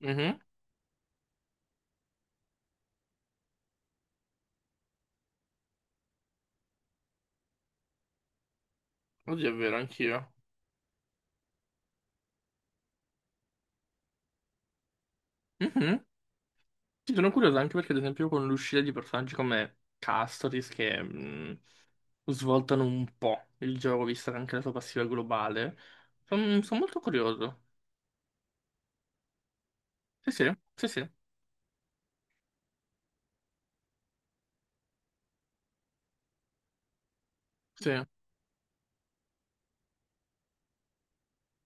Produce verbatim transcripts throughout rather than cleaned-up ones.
Mhm. Oddio, è vero, anch'io. Mhm. Sì, sono curioso anche perché, ad esempio, con l'uscita di personaggi come Castoris, che mh, svoltano un po' il gioco, vista anche la sua passiva globale, sono molto curioso. Sì, sì, sì, sì, sì,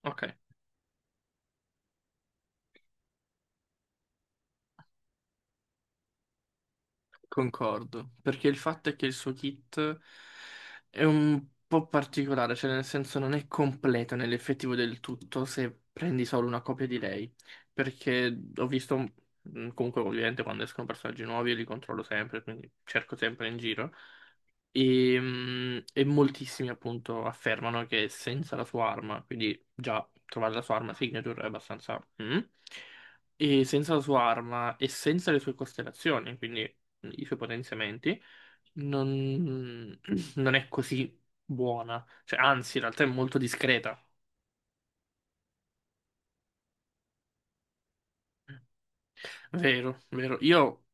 ok. Concordo, perché il fatto è che il suo kit è un po' particolare, cioè nel senso non è completo nell'effettivo del tutto se prendi solo una copia di lei, perché ho visto, mh, comunque ovviamente quando escono personaggi nuovi io li controllo sempre, quindi cerco sempre in giro, e, mm, e moltissimi appunto affermano che senza la sua arma, quindi già trovare la sua arma signature è abbastanza... mm, e senza la sua arma e senza le sue costellazioni, quindi i suoi potenziamenti, non, non è così buona. Cioè, anzi, in realtà è molto discreta. Vero, vero. Io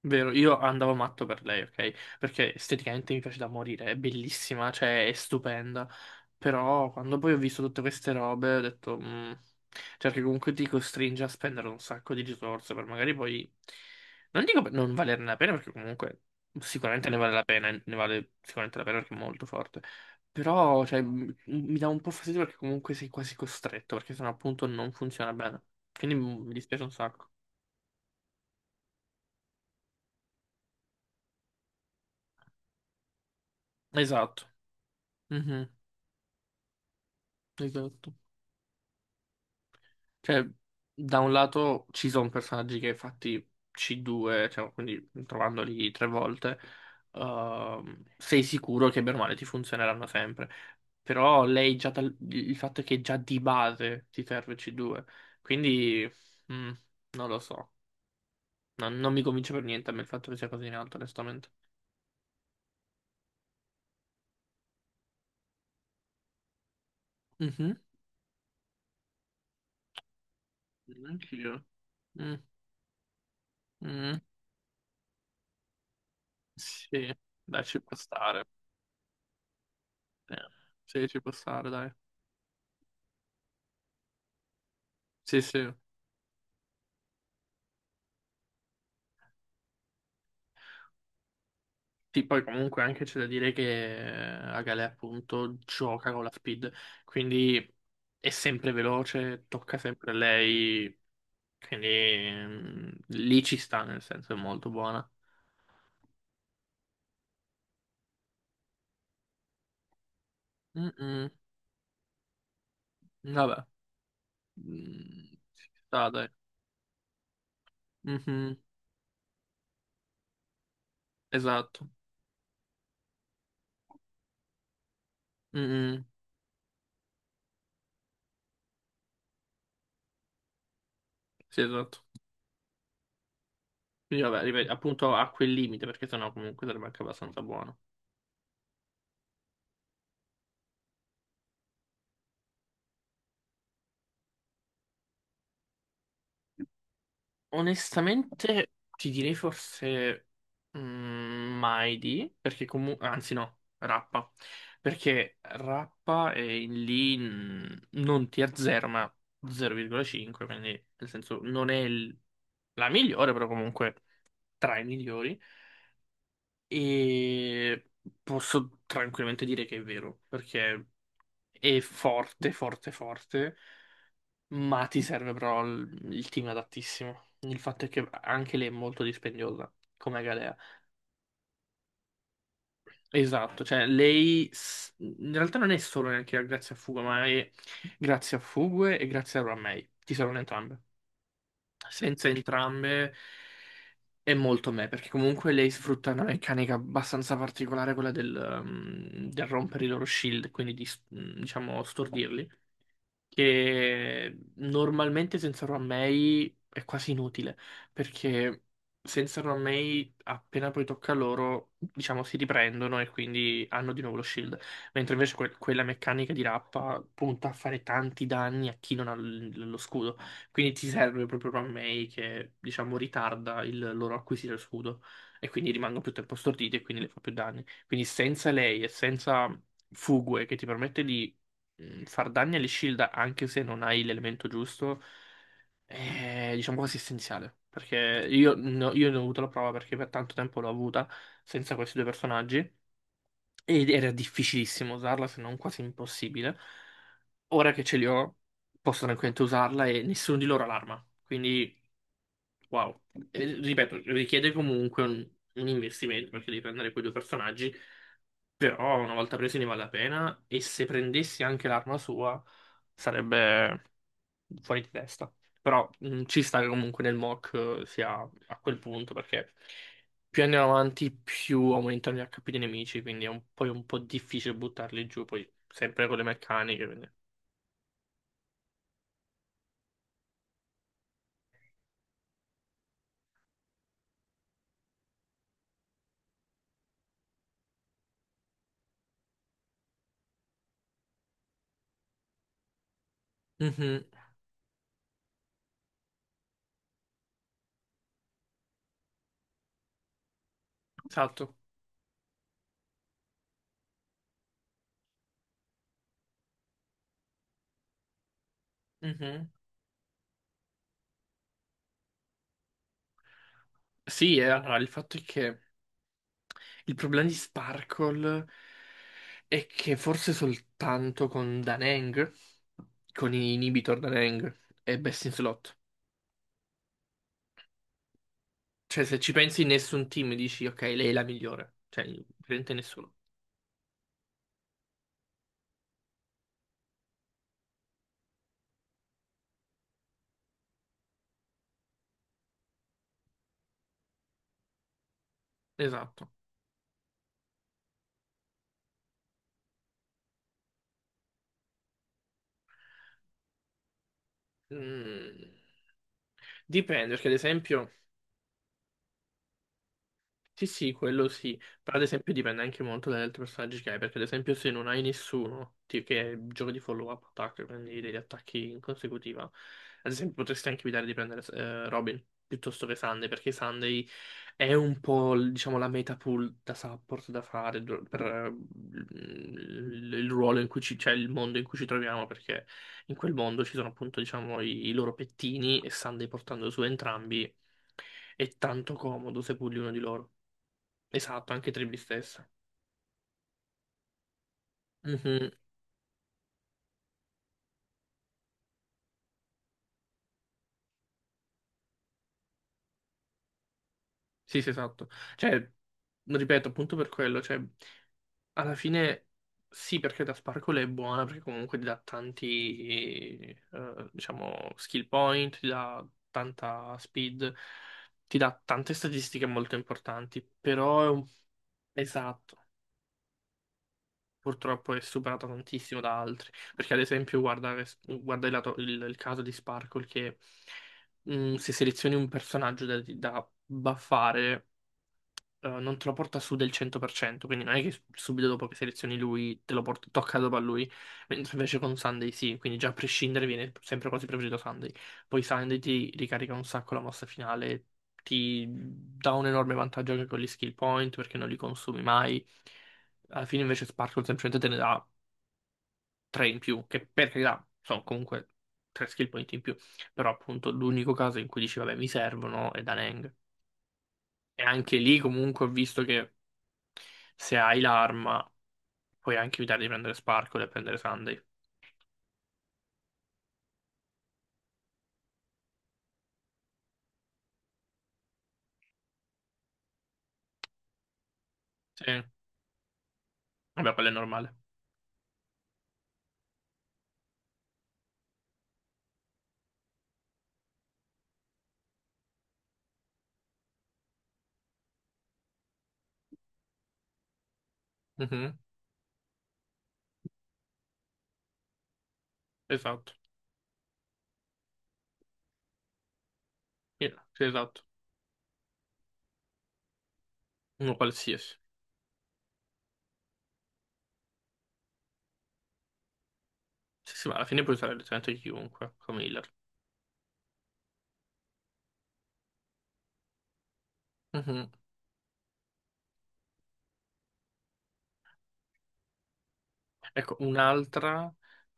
Vero, io andavo matto per lei, ok? Perché esteticamente mi piace da morire, è bellissima, cioè è stupenda. Però quando poi ho visto tutte queste robe ho detto, "Mm", cioè che comunque ti costringe a spendere un sacco di risorse per magari poi, non dico per non valerne la pena perché comunque sicuramente ne vale la pena, ne vale sicuramente la pena perché è molto forte. Però, cioè, m- mi dà un po' fastidio perché comunque sei quasi costretto, perché sennò appunto non funziona bene. Quindi mm, mi dispiace un sacco. Esatto. Mhm. Esatto. Cioè, da un lato ci sono personaggi che fatti C due, cioè, quindi trovandoli tre volte, ehm, sei sicuro che bene o male ti funzioneranno sempre. Però lei già dal- il fatto è che già di base ti serve C due, quindi mm, non lo so. Non, non mi convince per niente a me il fatto che sia così in alto, onestamente. Mhm. Anch'io. Mm, mm, sì, dai, ci può stare. Eh, Sì, ci può stare, dai. Sì, sì. Sì, poi comunque anche c'è da dire che eh, Agale appunto gioca con la speed, quindi è sempre veloce, tocca sempre a lei, quindi mm, lì ci sta, nel senso è molto buona. Mm-mm, vabbè. Mm, ci sta, dai. Mhm, esatto. Mm-mm, sì, esatto. Quindi vabbè, ripeto, appunto a quel limite, perché sennò comunque sarebbe anche abbastanza buono. Onestamente, ti direi forse mm, Maidi, perché comunque, anzi no, Rappa, perché Rappa è in lì mm, non tier zero, ma zero virgola cinque, quindi nel senso non è il- la migliore, però comunque tra i migliori. E posso tranquillamente dire che è vero, perché è forte, forte, forte. Ma ti serve però il il team adattissimo. Il fatto è che anche lei è molto dispendiosa, come Galea. Esatto, cioè lei s- in realtà non è solo neanche grazie a Fugue, ma è grazie a Fugue e grazie a Ramei. Ti servono entrambe. Senza entrambe è molto me, perché comunque lei sfrutta una meccanica abbastanza particolare, quella del, um, del rompere i loro shield, quindi di, s- diciamo, stordirli. Che normalmente senza Romei è quasi inutile, perché senza Romei appena poi tocca a loro, diciamo, si riprendono e quindi hanno di nuovo lo shield, mentre invece que- quella meccanica di Rappa punta a fare tanti danni a chi non ha l- lo scudo, quindi ti serve proprio Romei che, diciamo, ritarda il loro acquisire lo scudo e quindi rimangono più tempo storditi e quindi le fa più danni. Quindi senza lei e senza Fugue che ti permette di mh, far danni alle shield anche se non hai l'elemento giusto è diciamo quasi essenziale. Perché io, no- io ne ho avuto la prova perché per tanto tempo l'ho avuta senza questi due personaggi ed era difficilissimo usarla se non quasi impossibile. Ora che ce li ho posso tranquillamente usarla e nessuno di loro ha l'arma. Quindi wow. E, ripeto, richiede comunque un, un investimento perché devi prendere quei due personaggi. Però una volta preso ne vale la pena e se prendessi anche l'arma sua sarebbe fuori di testa. Però mh, ci sta che comunque nel mock eh, sia a quel punto perché più andiamo avanti più aumentano gli H P dei nemici, quindi è un, poi un po' difficile buttarli giù, poi sempre con le meccaniche. Quindi. Mhm, esatto. Mhm. Sì, e allora il fatto è che il problema di Sparkle è che forse soltanto con Daneng, con i inhibitor Daneng, è best in slot. Cioè, se ci pensi, nessun team dici, ok, lei è la migliore. Cioè, veramente nessuno. Esatto. Mm, Dipende, perché ad esempio... Sì, sì, quello sì, però ad esempio dipende anche molto dagli altri personaggi che hai, perché ad esempio se non hai nessuno, ti- che giochi di follow-up attack, quindi degli attacchi in consecutiva, ad esempio potresti anche evitare di prendere eh, Robin piuttosto che Sunday, perché Sunday è un po', l- diciamo, la meta pool da support da fare dur- per eh, il il ruolo in cui ci, cioè il mondo in cui ci troviamo, perché in quel mondo ci sono appunto, diciamo, i, i loro pettini e Sunday portando su entrambi. È tanto comodo se pulli uno di loro. Esatto, anche Trevi stessa. Mhm. Sì, sì, esatto. Cioè, ripeto, appunto per quello, cioè, alla fine sì, perché da Sparkle è buona, perché comunque ti dà tanti, eh, diciamo, skill point, ti dà tanta speed, ti dà tante statistiche molto importanti, però è un... Esatto. Purtroppo è superata tantissimo da altri. Perché ad esempio guarda, guarda il, lato- il- il caso di Sparkle che mh, se selezioni un personaggio da, da buffare eh, non te lo porta su del cento per cento, quindi non è che subito dopo che selezioni lui te lo porta, tocca dopo a lui, mentre invece con Sunday sì, quindi già a prescindere viene sempre quasi preferito Sunday. Poi Sunday ti ricarica un sacco la mossa finale, ti dà un enorme vantaggio anche con gli skill point perché non li consumi mai. Alla fine invece Sparkle semplicemente te ne dà tre in più, che per carità sono comunque tre skill point in più, però appunto l'unico caso in cui dici vabbè mi servono è da Nang. E anche lì comunque ho visto che se hai l'arma, puoi anche evitare di prendere Sparkle e prendere Sunday. Sì, vabbè, quello è normale. Mhm, esatto. Sì, sì, esatto. Uno qualsiasi. Sì, sì, ma alla fine puoi usare letteralmente chiunque come healer. Mhm. Ecco, un'altra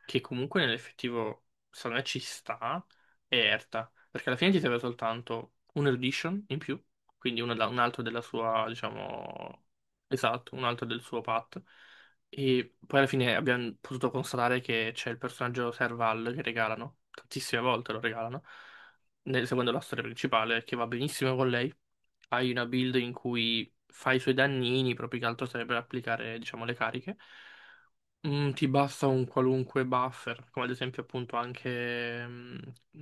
che comunque nell'effettivo secondo me ci sta è Erta, perché alla fine ti serve soltanto un erudition in più, quindi una da- un altro della sua, diciamo, esatto, un altro del suo path, e poi alla fine abbiamo potuto constatare che c'è il personaggio Serval che regalano, tantissime volte lo regalano, nel- seguendo la storia principale, che va benissimo con lei, hai una build in cui fai i suoi dannini, proprio che altro serve per applicare, diciamo, le cariche. Mm, ti basta un qualunque buffer, come ad esempio appunto anche... mm,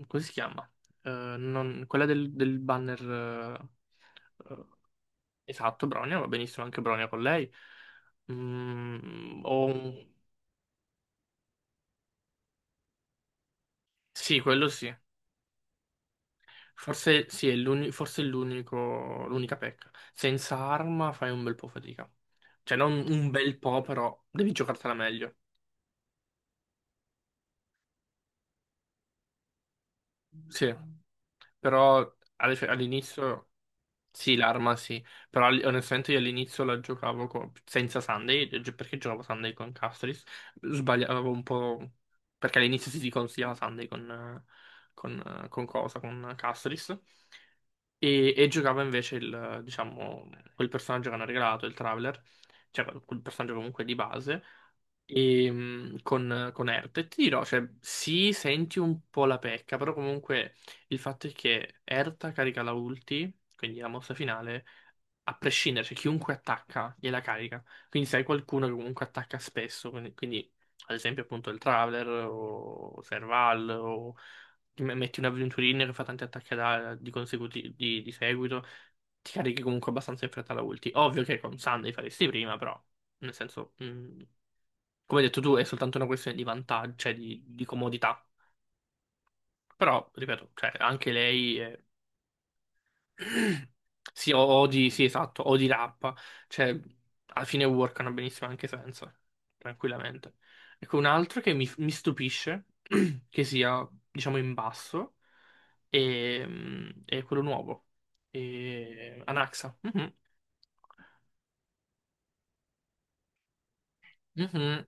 come si chiama? Eh, non- quella del, del banner... eh, eh, esatto, Bronia, va benissimo anche Bronia con lei. Mm, o un- Sì, quello sì. Forse sì, è l'uni- forse è l'unico, l'unica pecca. Senza arma fai un bel po' fatica. Cioè, non un bel po', però devi giocartela meglio. Sì, però alle- all'inizio... Sì, l'arma sì, però all- onestamente io all'inizio la giocavo co- senza Sunday, gi- perché giocavo Sunday con Castris, sbagliavo un po', perché all'inizio si si consigliava Sunday con, eh, con, eh, con cosa, con Castris, e, e giocava invece il, diciamo, quel personaggio che hanno regalato, il Traveler, cioè quel quel personaggio comunque di base, e, mh, con, con Ert. E ti dirò, cioè, sì, senti un po' la pecca, però comunque il fatto è che Erta carica la ulti, quindi la mossa finale, a prescindere, cioè chiunque attacca gliela carica. Quindi se hai qualcuno che comunque attacca spesso, quindi, quindi, ad esempio appunto il Traveler o Serval o ti me- metti un avventurino che fa tanti attacchi da- di, consecuti- di, di seguito, ti carichi comunque abbastanza in fretta la ulti. Ovvio che con Sunday faresti prima, però nel senso, mh, come hai detto tu, è soltanto una questione di vantaggio, cioè di, di comodità. Però, ripeto, cioè, anche lei... è. Sì, o, o di, sì, esatto, o di rap. Cioè, alla fine workano benissimo anche senza, tranquillamente. Ecco, un altro che mi, mi stupisce, che sia, diciamo, in basso, è, è quello nuovo. È Anaxa. Mhm, mhm,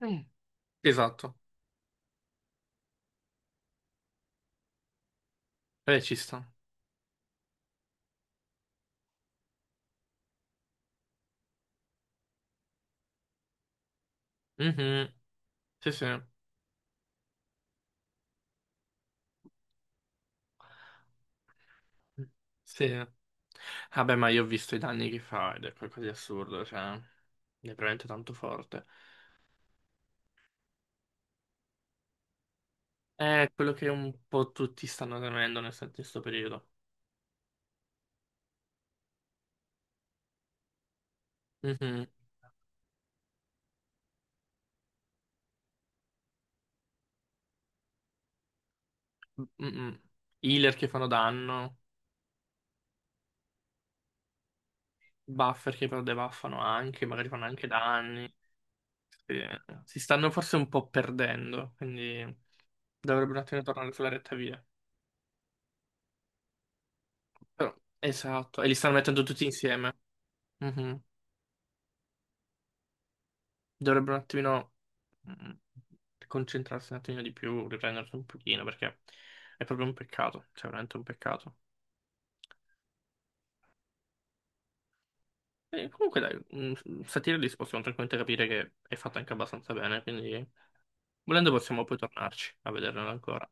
mm. Esatto. Eh, ci sta. Mhm, sì, sì. Sì. Vabbè, ma io ho visto i danni che fa ed è qualcosa di assurdo, cioè, è veramente tanto forte. È quello che un po' tutti stanno temendo nel sen- in questo periodo. Mhm. Mm-mm. Healer che fanno danno, buffer che però debuffano anche, magari fanno anche danni. Sì, si stanno forse un po' perdendo, quindi dovrebbero un attimo tornare sulla retta via. Però, esatto, e li stanno mettendo tutti insieme. Mhm. Dovrebbero un attimino mm, concentrarsi un attimino di più, riprendersi un pochino, perché è proprio un peccato, cioè veramente un peccato. Eh, comunque dai, un Satirilis possiamo tranquillamente capire che è fatta anche abbastanza bene, quindi volendo possiamo poi tornarci a vederla ancora.